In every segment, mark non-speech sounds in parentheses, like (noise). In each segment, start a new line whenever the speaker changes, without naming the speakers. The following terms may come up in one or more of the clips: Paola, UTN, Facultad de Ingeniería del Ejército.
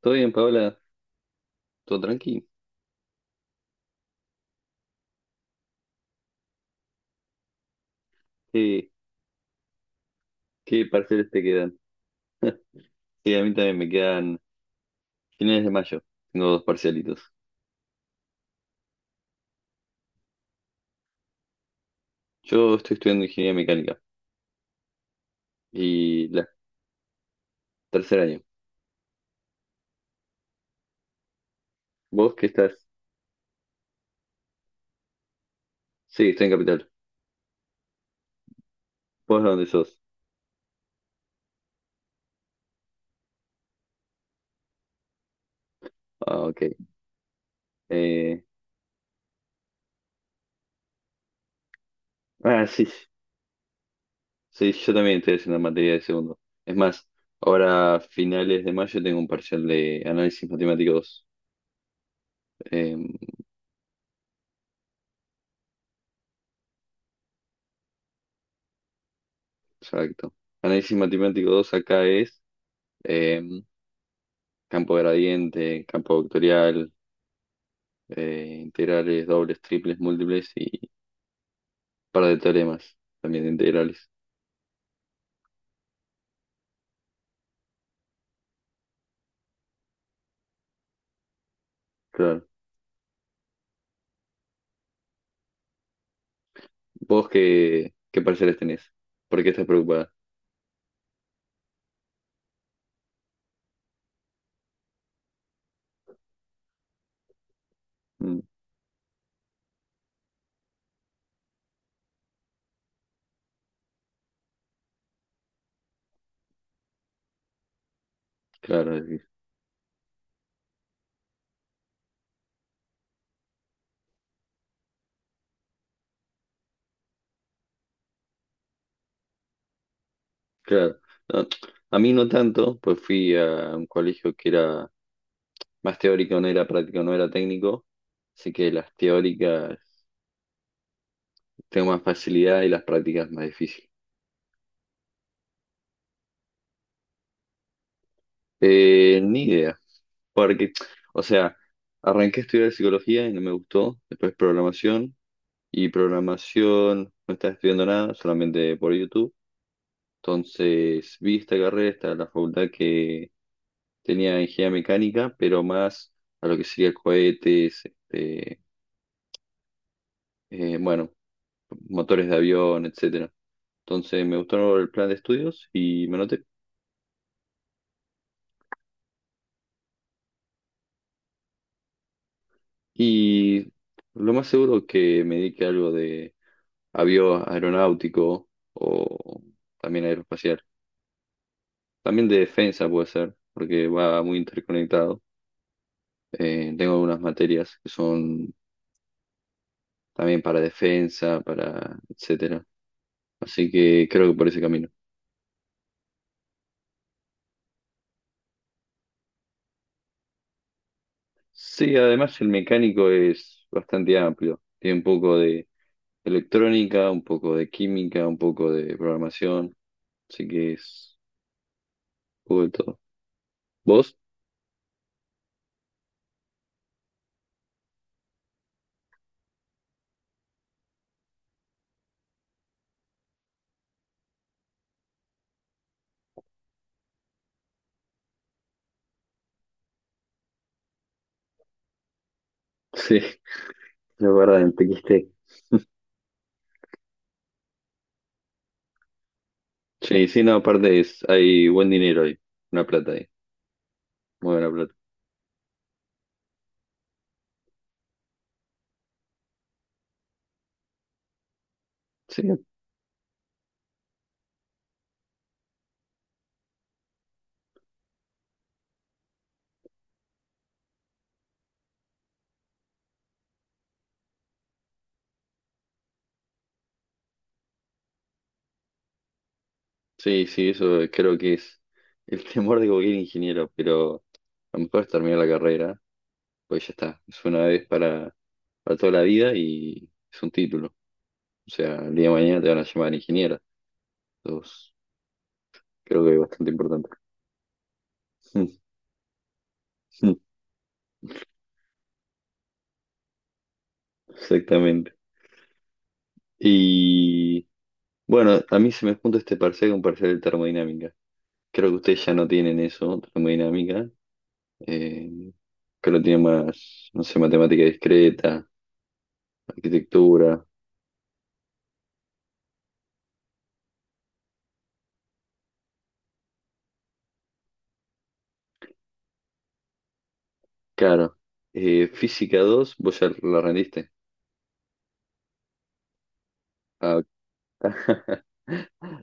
Todo bien, Paola, todo tranqui. ¿Qué, qué parciales te quedan? (laughs) Sí, a mí también me quedan finales de mayo. Tengo dos parcialitos. Yo estoy estudiando ingeniería mecánica y la tercer año. ¿Vos qué estás? Sí, estoy en Capital. ¿Vos de dónde sos? Ah, ok. Eh, ah, sí, sí, yo también estoy haciendo materia de segundo. Es más, ahora a finales de mayo tengo un parcial de análisis matemático dos. Eh, exacto. Análisis matemático 2 acá es. em, campo gradiente, campo vectorial, integrales, dobles, triples, múltiples y un par de teoremas también de integrales. Claro. ¿Vos qué pareceres tenés? ¿Por qué estás preocupada? Mm, claro, decís. Claro. No, a mí no tanto, pues fui a un colegio que era más teórico, no era práctico, no era técnico, así que las teóricas tengo más facilidad y las prácticas más difícil. Ni idea. Porque, o sea, arranqué a estudiar psicología y no me gustó. Después programación. Y programación no estaba estudiando nada, solamente por YouTube. Entonces vi esta carrera, esta la facultad que tenía ingeniería mecánica, pero más a lo que sería cohetes, este, bueno, motores de avión, etcétera. Entonces me gustó el plan de estudios y me anoté. Y lo más seguro que me dedique a algo avio aeronáutico o también aeroespacial. También de defensa puede ser, porque va muy interconectado. Tengo algunas materias que son también para defensa, para etcétera. Así que creo que por ese camino. Sí, además el mecánico es bastante amplio. Tiene un poco de electrónica, un poco de química, un poco de programación. Así que es un poco de todo. ¿Vos? (laughs) Sí, la verdad, me Sí, sí, no, aparte es, hay buen dinero ahí, una plata ahí, muy buena plata. Sí, sí, sí, eso creo que es el temor de cualquier ingeniero, pero a lo mejor es terminar la carrera, pues ya está, es una vez para toda la vida y es un título. O sea, el día de mañana te van a llamar ingeniero, entonces creo que es bastante importante. (laughs) Exactamente. Y bueno, a mí se me junta este parcial con parcial de termodinámica. Creo que ustedes ya no tienen eso, termodinámica, eh, que lo tiene más, no sé, matemática discreta, arquitectura, claro. Física 2 vos ya la rendiste. Ah, (laughs)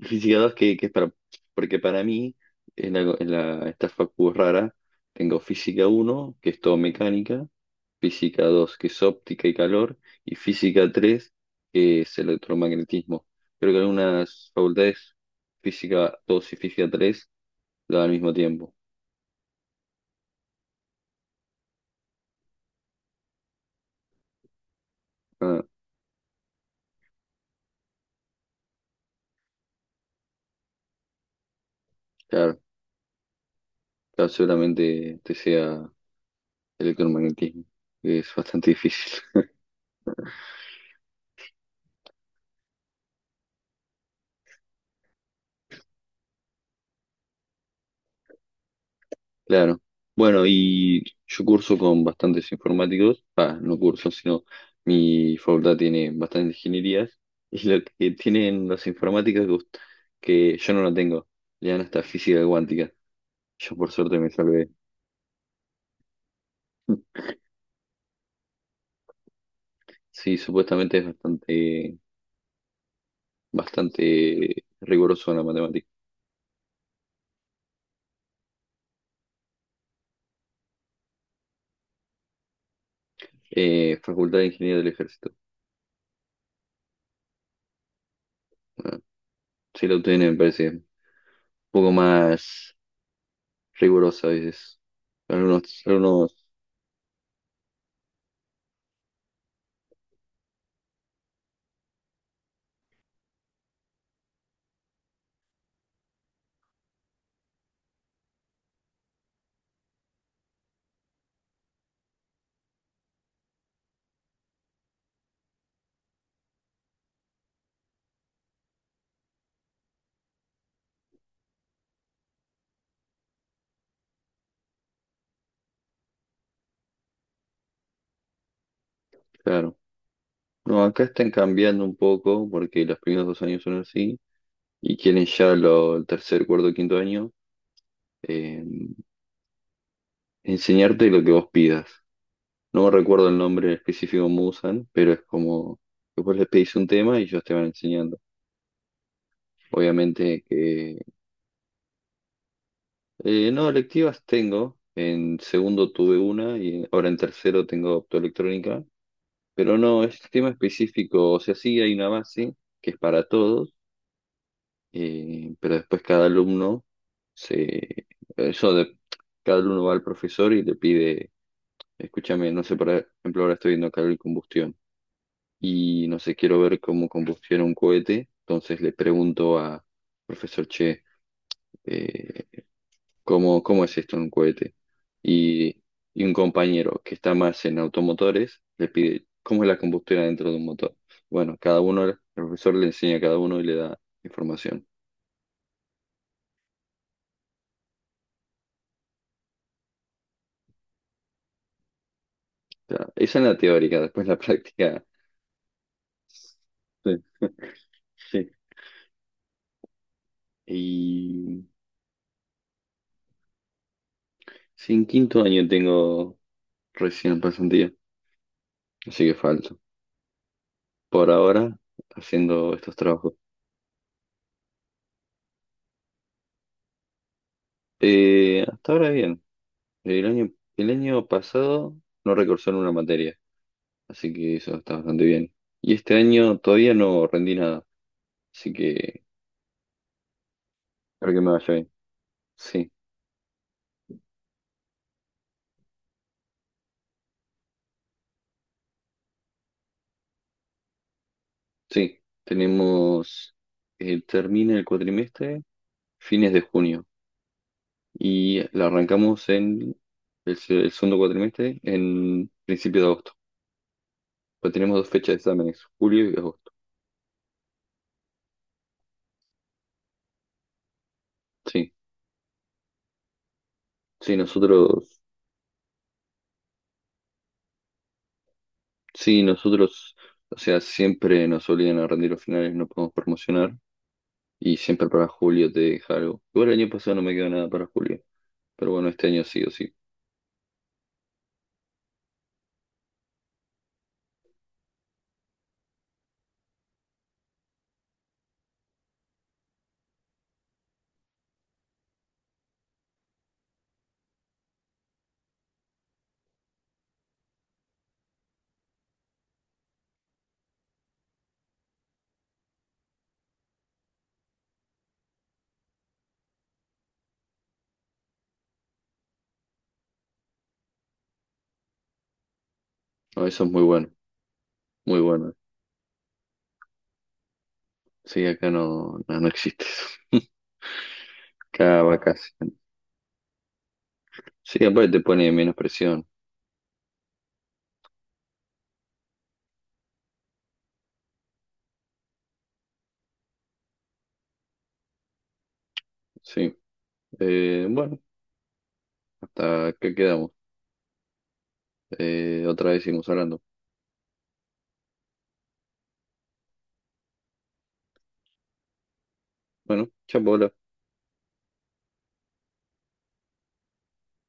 Física dos que es para. Porque para mí, esta facu es rara, tengo física uno que es todo mecánica, física 2 que es óptica y calor, y física 3 que es electromagnetismo. Creo que algunas facultades, física 2 y física 3 la dan al mismo tiempo. Ah, claro. Claro, seguramente te sea electromagnetismo, que es bastante difícil. (laughs) Claro. Bueno, y yo curso con bastantes informáticos. Ah, no curso, sino mi facultad tiene bastantes ingenierías. (laughs) Y lo que tienen los informáticos gust- que yo no lo tengo, le dan hasta física cuántica. Yo por suerte me salvé. Sí, supuestamente es bastante riguroso en la matemática. Facultad de Ingeniería del Ejército. Ah, sí, la UTN me parece poco más riguroso a veces. Algunos, algunos, claro. No, acá están cambiando un poco porque los primeros dos años son así y quieren ya el tercer, cuarto, quinto año eh, enseñarte lo que vos pidas. No recuerdo el nombre específico que usan, pero es como que vos les pedís un tema y ellos te van enseñando. Obviamente que... no, electivas tengo. En segundo tuve una y ahora en tercero tengo optoelectrónica. Pero no, es tema específico, o sea, sí hay una base que es para todos, pero después cada alumno se... Eso de... Cada alumno va al profesor y le pide, escúchame, no sé, por ejemplo, ahora estoy viendo calor y combustión y no sé, quiero ver cómo combustiona un cohete. Entonces le pregunto a profesor Che, eh, ¿cómo es esto en un cohete? Y, y un compañero que está más en automotores le pide, ¿cómo es la combustión dentro de un motor? Bueno, cada uno, el profesor le enseña a cada uno y le da información. O sea, esa es la teórica, después la (laughs) práctica. Sí. Sí. Y sí, en quinto año tengo recién pasantía, así que falta. Por ahora haciendo estos trabajos. Hasta ahora bien. El año, el año pasado no recursé en una materia, así que eso está bastante bien. Y este año todavía no rendí nada, así que espero que me vaya bien. Sí, sí. Tenemos, termina el cuatrimestre fines de junio y la arrancamos en el segundo cuatrimestre en principio de agosto. Pero tenemos dos fechas de exámenes, julio y agosto. Sí, sí, nosotros Sí, nosotros, o sea, siempre nos obligan a rendir los finales, no podemos promocionar y siempre para julio te deja algo. Igual el año pasado no me quedó nada para julio, pero bueno, este año sí o sí. No, eso es muy bueno, muy bueno. Sí, acá no, no, no existe eso. (laughs) Cada vacación. Sí, aparte te pone menos presión. Sí. Bueno, hasta que quedamos. Otra vez seguimos hablando. Bueno, chao, Paola.